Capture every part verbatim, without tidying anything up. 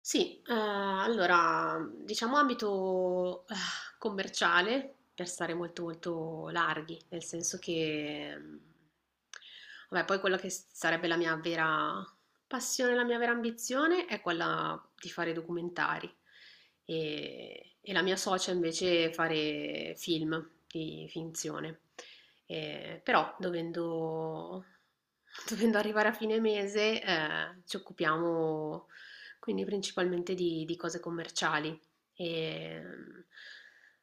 Sì, eh, allora diciamo ambito eh, commerciale per stare molto molto larghi, nel senso che mm, vabbè, poi quella che sarebbe la mia vera passione, la mia vera ambizione è quella di fare documentari e, e la mia socia invece fare film di finzione. Eh, però dovendo, dovendo arrivare a fine mese eh, ci occupiamo quindi principalmente di, di cose commerciali. E mm,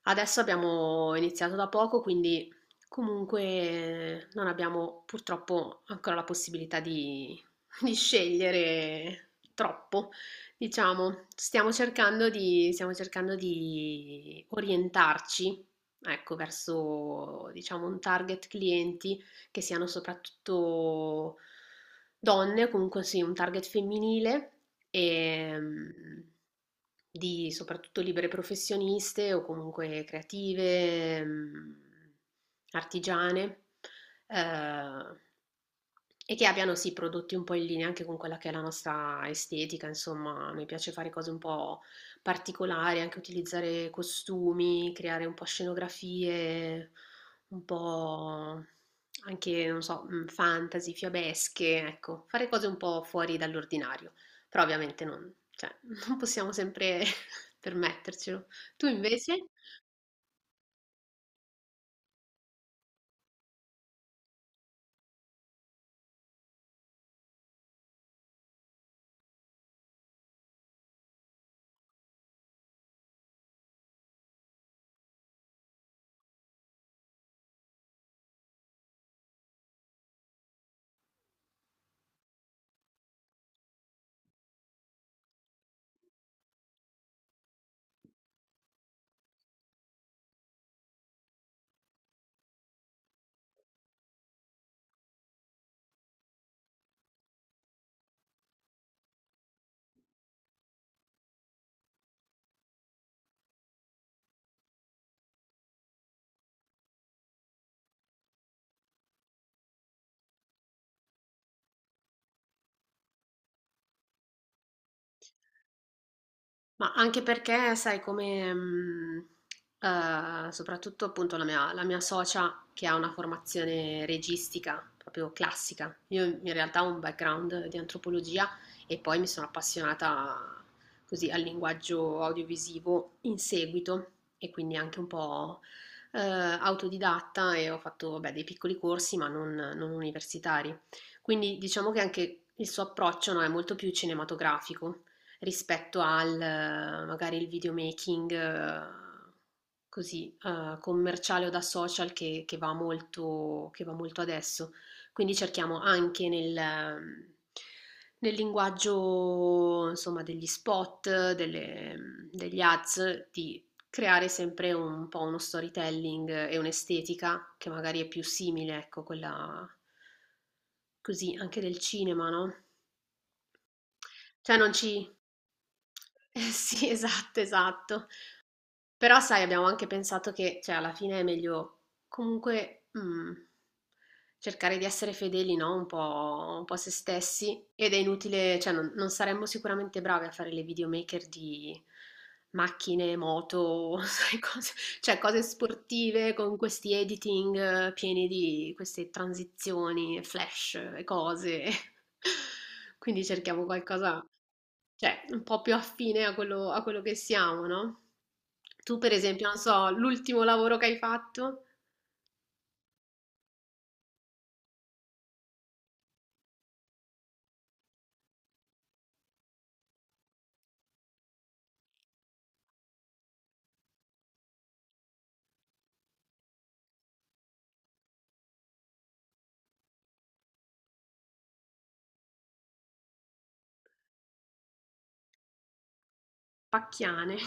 adesso abbiamo iniziato da poco, quindi comunque non abbiamo purtroppo ancora la possibilità di, di scegliere troppo, diciamo. Stiamo cercando di, stiamo cercando di orientarci, ecco, verso, diciamo, un target clienti che siano soprattutto donne, comunque sì, un target femminile e mh, di soprattutto libere professioniste o comunque creative, mh, artigiane, eh, e che abbiano sì prodotti un po' in linea anche con quella che è la nostra estetica, insomma, a noi piace fare cose un po' particolari, anche utilizzare costumi, creare un po' scenografie un po' anche, non so, mh, fantasy, fiabesche, ecco, fare cose un po' fuori dall'ordinario, però ovviamente non, cioè, non possiamo sempre permettercelo. Tu invece? Ma anche perché, sai, come mh, eh, soprattutto appunto la mia, la mia socia che ha una formazione registica proprio classica. Io in realtà ho un background di antropologia e poi mi sono appassionata così al linguaggio audiovisivo in seguito e quindi anche un po' eh, autodidatta e ho fatto vabbè, dei piccoli corsi ma non, non universitari. Quindi diciamo che anche il suo approccio, no, è molto più cinematografico rispetto al eh, magari il videomaking eh, così eh, commerciale o da social che, che va molto, che va molto adesso. Quindi cerchiamo anche nel, ehm, nel linguaggio, insomma, degli spot, delle- degli ads, di creare sempre un po' uno storytelling e un'estetica che magari è più simile, ecco, quella così anche del cinema, no? Cioè non ci eh sì, esatto, esatto. Però sai, abbiamo anche pensato che, cioè, alla fine è meglio comunque mm, cercare di essere fedeli, no? Un po', un po' a se stessi. Ed è inutile, cioè, non, non saremmo sicuramente bravi a fare le videomaker di macchine, moto, sai, cose, cioè, cose sportive con questi editing eh, pieni di queste transizioni, flash e cose. Quindi cerchiamo qualcosa. Cioè, un po' più affine a quello, a quello che siamo, no? Tu, per esempio, non so, l'ultimo lavoro che hai fatto? Pacchiane.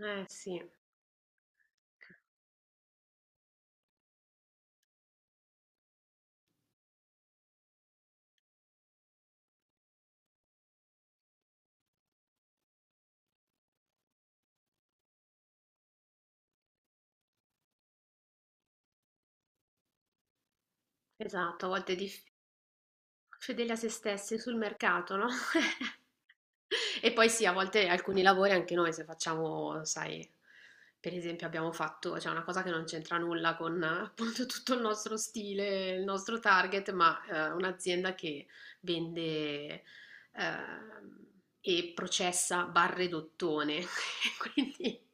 Eh sì, esatto, a volte dif- fedeli a se stessi sul mercato, no? E poi sì, a volte alcuni lavori anche noi se facciamo, sai, per esempio abbiamo fatto, cioè una cosa che non c'entra nulla con eh, appunto tutto il nostro stile, il nostro target, ma eh, un'azienda che vende eh, e processa barre d'ottone, quindi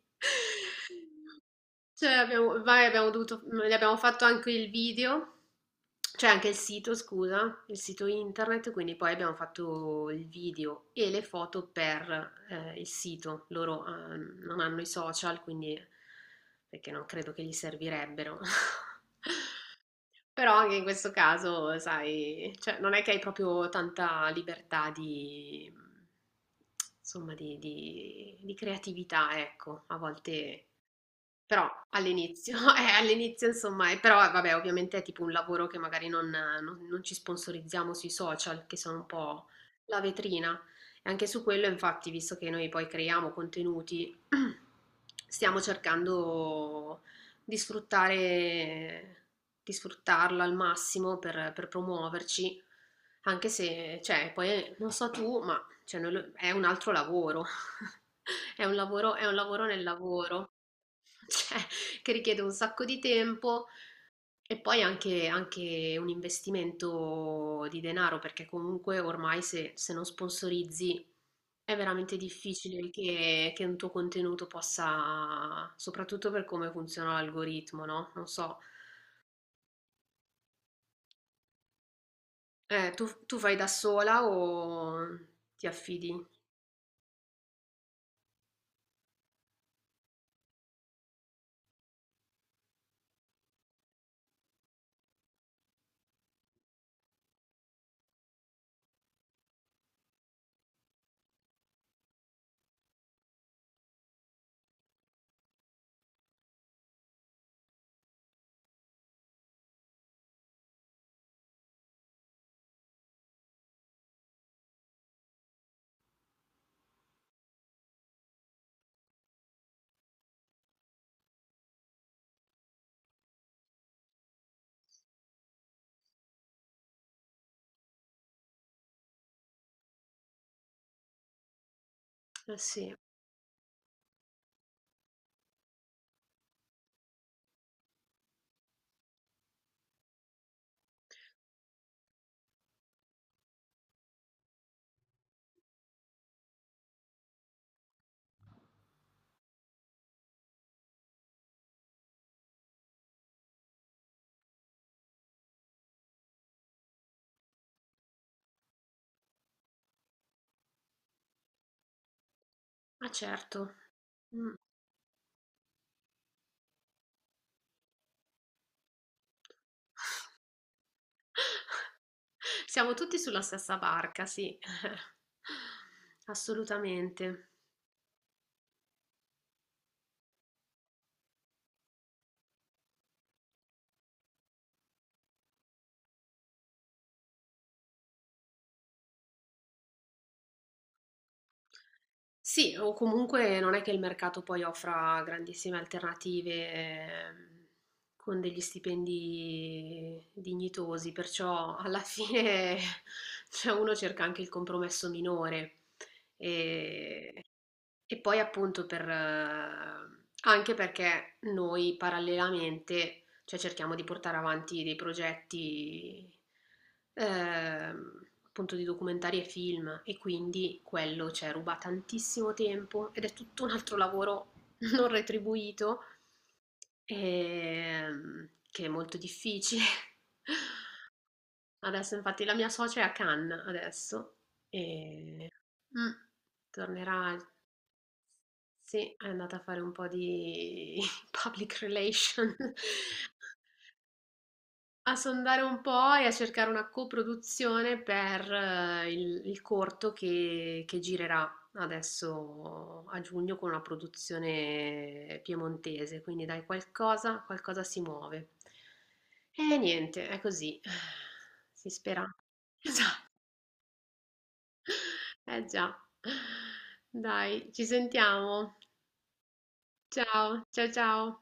cioè abbiamo vai abbiamo dovuto mhmm, gli abbiamo fatto anche il video, cioè anche il sito scusa, il sito internet, quindi poi abbiamo fatto il video e le foto per, ehm, il sito. Loro, ehm, non hanno i social, quindi perché non credo che gli servirebbero. Però anche in questo caso, sai, cioè non è che hai proprio tanta libertà di mhmm, insomma di di di creatività, ecco. A volte però all'inizio, eh, all'inizio insomma, eh, però eh, vabbè, ovviamente è tipo un lavoro che magari non, non- non ci sponsorizziamo sui social, che sono un po' la vetrina. E anche su quello, infatti, visto che noi poi creiamo contenuti, stiamo cercando di sfruttare, di sfruttarlo al massimo per, per promuoverci, anche se, cioè, poi eh, non so tu, ma cioè, noi lo- è un altro lavoro. È un lavoro, è un lavoro nel lavoro, cioè, che richiede un sacco di tempo e poi anche, anche un investimento di denaro, perché comunque ormai se, se non sponsorizzi è veramente difficile che, che un tuo contenuto possa, soprattutto per come funziona l'algoritmo, no? Non so, eh, tu, tu fai da sola o ti affidi? Eh sì, ma certo. Mm. Siamo tutti sulla stessa barca, sì. Assolutamente. Sì, o comunque non è che il mercato poi offra grandissime alternative ehm, con degli stipendi dignitosi, perciò alla fine cioè, uno cerca anche il compromesso minore. E, e poi appunto per, eh, anche perché noi parallelamente cioè cerchiamo di portare avanti dei progetti ehm, appunto di documentari e film e quindi quello ci ruba tantissimo tempo ed è tutto un altro lavoro non retribuito ehm, che è molto difficile. Adesso infatti la mia socia è a Cannes adesso e mm, tornerà, sì, è andata a fare un po' di public relation a sondare un po' e a cercare una coproduzione per eh, il, il corto che, che girerà adesso a giugno con una produzione piemontese, quindi dai, qualcosa, qualcosa si muove. E niente, è così, si spera. Eh già, dai, ci sentiamo. Ciao, ciao, ciao.